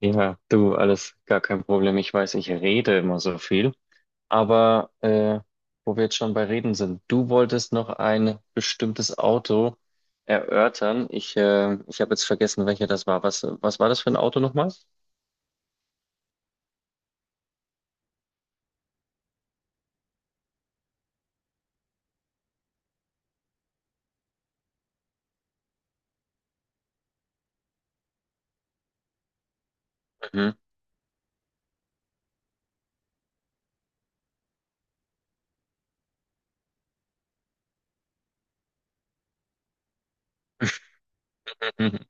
Ja, du, alles gar kein Problem. Ich weiß, ich rede immer so viel. Aber äh, Wo wir jetzt schon bei Reden sind, du wolltest noch ein bestimmtes Auto erörtern. Ich habe jetzt vergessen, welcher das war. Was war das für ein Auto nochmal? Mhm. Mhm.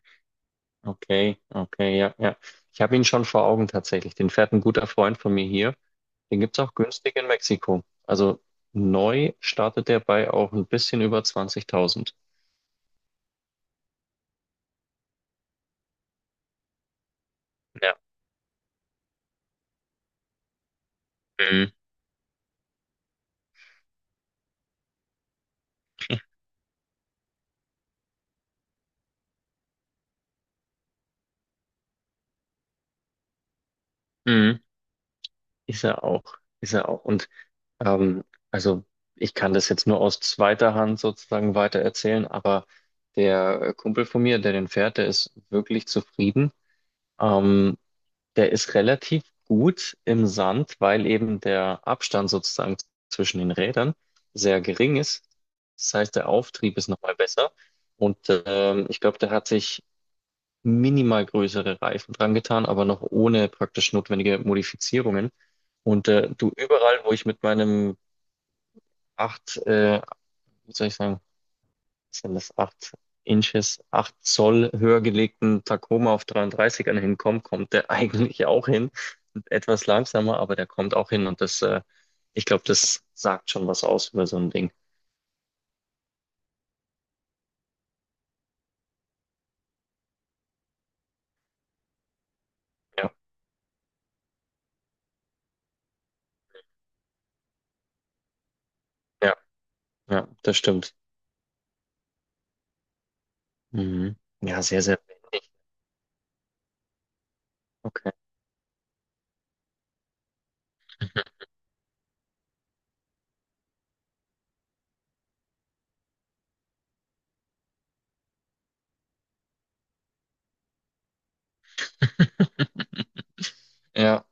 Okay, okay, ja, ja. Ich habe ihn schon vor Augen tatsächlich. Den fährt ein guter Freund von mir hier. Den gibt's auch günstig in Mexiko. Also neu startet der bei auch ein bisschen über 20.000. Ja. Mhm. Mhm. Ist er auch, ist er auch. Und ähm, also ich kann das jetzt nur aus zweiter Hand sozusagen weiter erzählen, aber der Kumpel von mir, der den fährt, der ist wirklich zufrieden. Ähm, Der ist relativ gut im Sand, weil eben der Abstand sozusagen zwischen den Rädern sehr gering ist. Das heißt, der Auftrieb ist nochmal besser. Und ich glaube, der hat sich minimal größere Reifen dran getan, aber noch ohne praktisch notwendige Modifizierungen. Und du überall, wo ich mit meinem 8, wie soll ich sagen, was sind das 8 Inches, 8 Zoll höher gelegten Tacoma auf dreiunddreißigern ern hinkomme, kommt der eigentlich auch hin. Etwas langsamer, aber der kommt auch hin. Und ich glaube, das sagt schon was aus über so ein Ding. Ja, ja, ja, das stimmt. Mhm. Ja, sehr, sehr windig. Okay. Ja,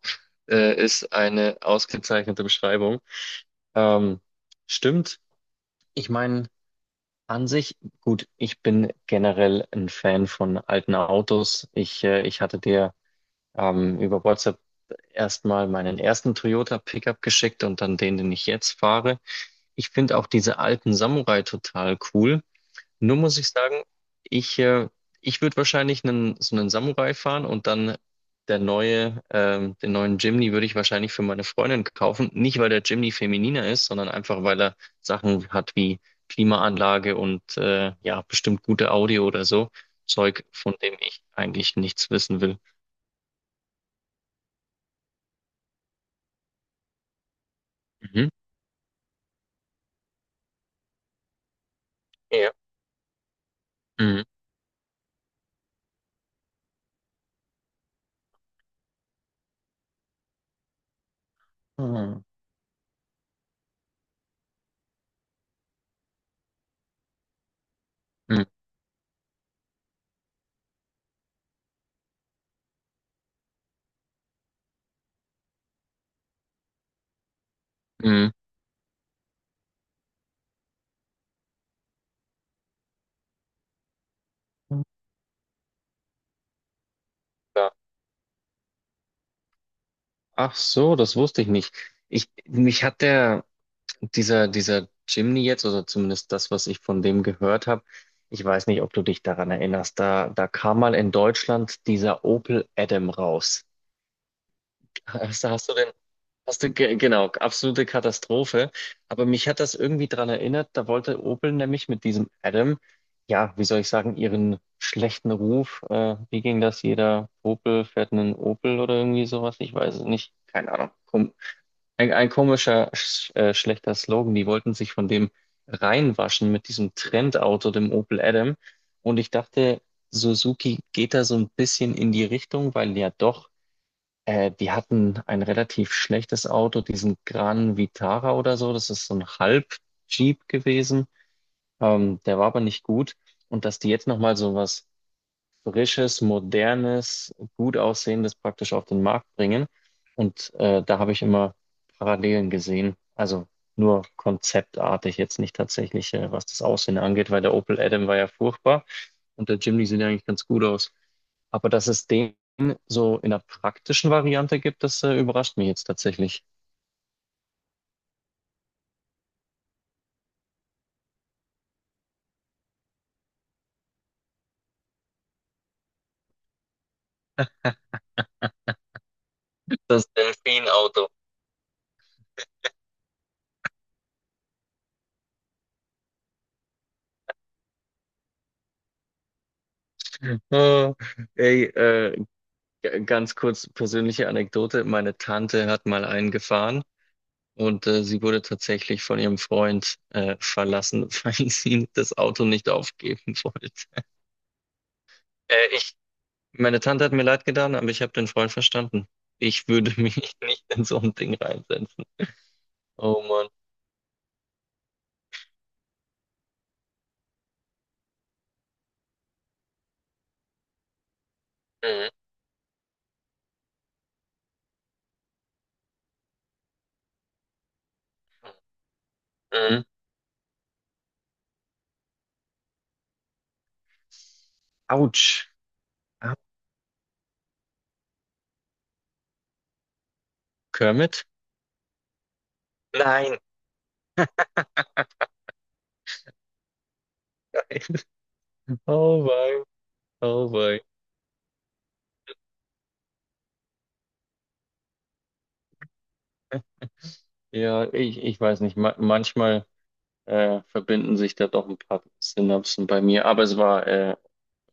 ist eine ausgezeichnete Beschreibung. Ähm, stimmt. Ich meine, an sich, gut, ich bin generell ein Fan von alten Autos. Ich hatte dir über WhatsApp erstmal meinen ersten Toyota Pickup geschickt und dann den ich jetzt fahre. Ich finde auch diese alten Samurai total cool. Nur muss ich sagen, ich, äh, ich würde wahrscheinlich einen, so einen Samurai fahren und dann den neuen Jimny würde ich wahrscheinlich für meine Freundin kaufen. Nicht, weil der Jimny femininer ist, sondern einfach, weil er Sachen hat wie Klimaanlage und ja, bestimmt gute Audio oder so. Zeug, von dem ich eigentlich nichts wissen will. Mhm. Ja. Mhm. Mhm. Mhm. Mhm. Ja. Ach so, das wusste ich nicht. Ich, mich hat der. Dieser Jimny jetzt, oder zumindest das, was ich von dem gehört habe, ich weiß nicht, ob du dich daran erinnerst, da kam mal in Deutschland dieser Opel Adam raus. Hast du den, hast du, ge- Genau, absolute Katastrophe. Aber mich hat das irgendwie daran erinnert, da wollte Opel nämlich mit diesem Adam, ja, wie soll ich sagen, ihren schlechten Ruf, wie ging das? Jeder Opel fährt einen Opel oder irgendwie sowas, ich weiß es nicht, keine Ahnung. Ein komischer, schlechter Slogan. Die wollten sich von dem reinwaschen mit diesem Trendauto, dem Opel Adam. Und ich dachte, Suzuki geht da so ein bisschen in die Richtung, weil ja doch, die hatten ein relativ schlechtes Auto, diesen Gran Vitara oder so. Das ist so ein Halb-Jeep gewesen. Der war aber nicht gut. Und dass die jetzt nochmal so was frisches, modernes, gut aussehendes praktisch auf den Markt bringen. Und da habe ich immer Parallelen gesehen. Also nur konzeptartig, jetzt nicht tatsächlich, was das Aussehen angeht, weil der Opel Adam war ja furchtbar und der Jimny sieht ja eigentlich ganz gut aus. Aber dass es den so in der praktischen Variante gibt, das überrascht mich jetzt tatsächlich. Das Delfin-Auto. Oh, ey, ganz kurz persönliche Anekdote. Meine Tante hat mal einen gefahren. Und sie wurde tatsächlich von ihrem Freund verlassen, weil sie das Auto nicht aufgeben wollte. Ich, meine Tante hat mir leid getan, aber ich habe den Freund verstanden. Ich würde mich nicht in so ein Ding reinsetzen. Oh Mann. Mhm. Mhm. Autsch. Au, Kermit? Nein. Oh wei. Oh wei. Ja, ich weiß nicht. Ma Manchmal verbinden sich da doch ein paar Synapsen bei mir, aber es war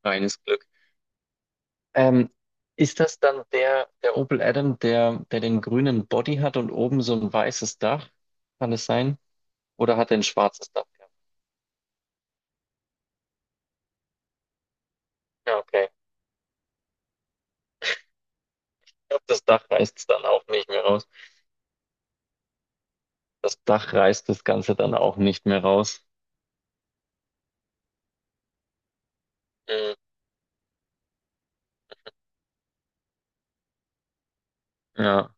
reines Glück. Ähm, Ist das dann der Opel Adam, der den grünen Body hat und oben so ein weißes Dach? Kann es sein? Oder hat er ein schwarzes Dach gehabt? Ja, okay. Ich glaube, das Dach reißt es dann auch nicht mehr raus. Das Dach reißt das Ganze dann auch nicht mehr raus. Mhm. Ja.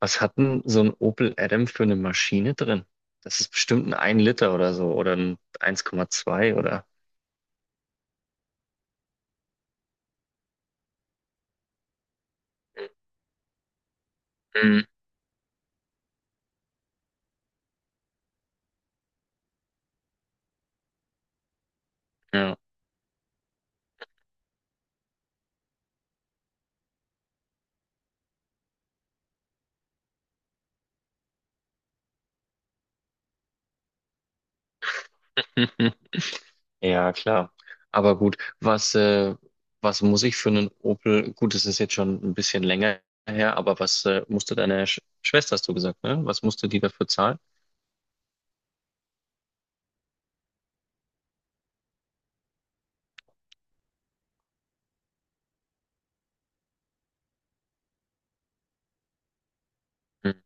Was hat denn so ein Opel Adam für eine Maschine drin? Das ist bestimmt ein 1 Liter oder so oder ein eins Komma zwei oder. Mhm. Ja. Ja, klar. Aber gut, was muss ich für einen Opel? Gut, es ist jetzt schon ein bisschen länger her, aber was musste deine Schwester, hast du gesagt, ne? Was musste die dafür zahlen? Hm,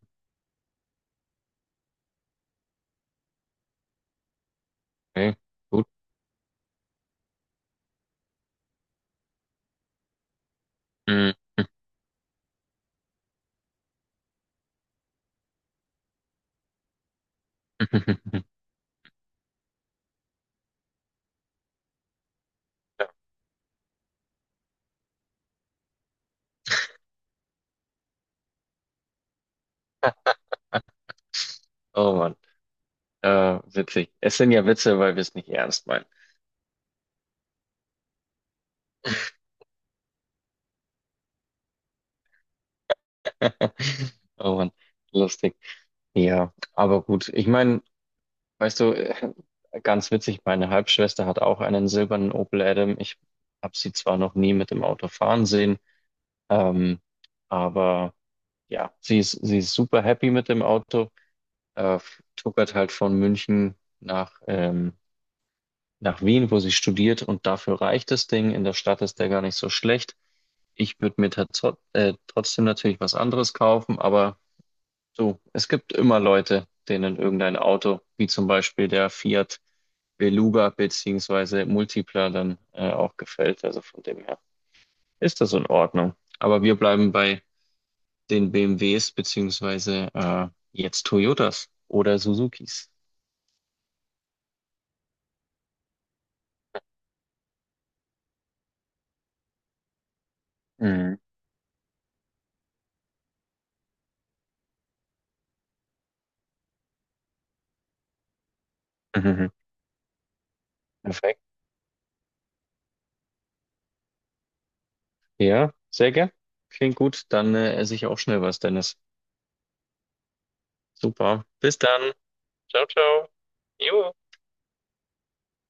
okay, gut. Hm. Ja, oh Mann, witzig. Es sind ja Witze, weil wir es nicht ernst meinen. Oh Mann, lustig. Ja, aber gut. Ich meine, weißt du, ganz witzig, meine Halbschwester hat auch einen silbernen Opel Adam. Ich habe sie zwar noch nie mit dem Auto fahren sehen. Ähm, aber ja, sie ist super happy mit dem Auto, äh, tuckert halt von München nach, nach Wien, wo sie studiert und dafür reicht das Ding. In der Stadt ist der gar nicht so schlecht. Ich würde mir trotzdem natürlich was anderes kaufen, aber so, es gibt immer Leute, denen irgendein Auto, wie zum Beispiel der Fiat Beluga beziehungsweise Multipla dann auch gefällt. Also von dem her ist das in Ordnung. Aber wir bleiben bei den BMWs beziehungsweise jetzt Toyotas oder Suzukis. Mhm. Mhm. Perfekt. Ja, sehr gern. Klingt gut. Dann esse ich auch schnell was, Dennis. Super. Bis dann. Ciao, ciao. Jo.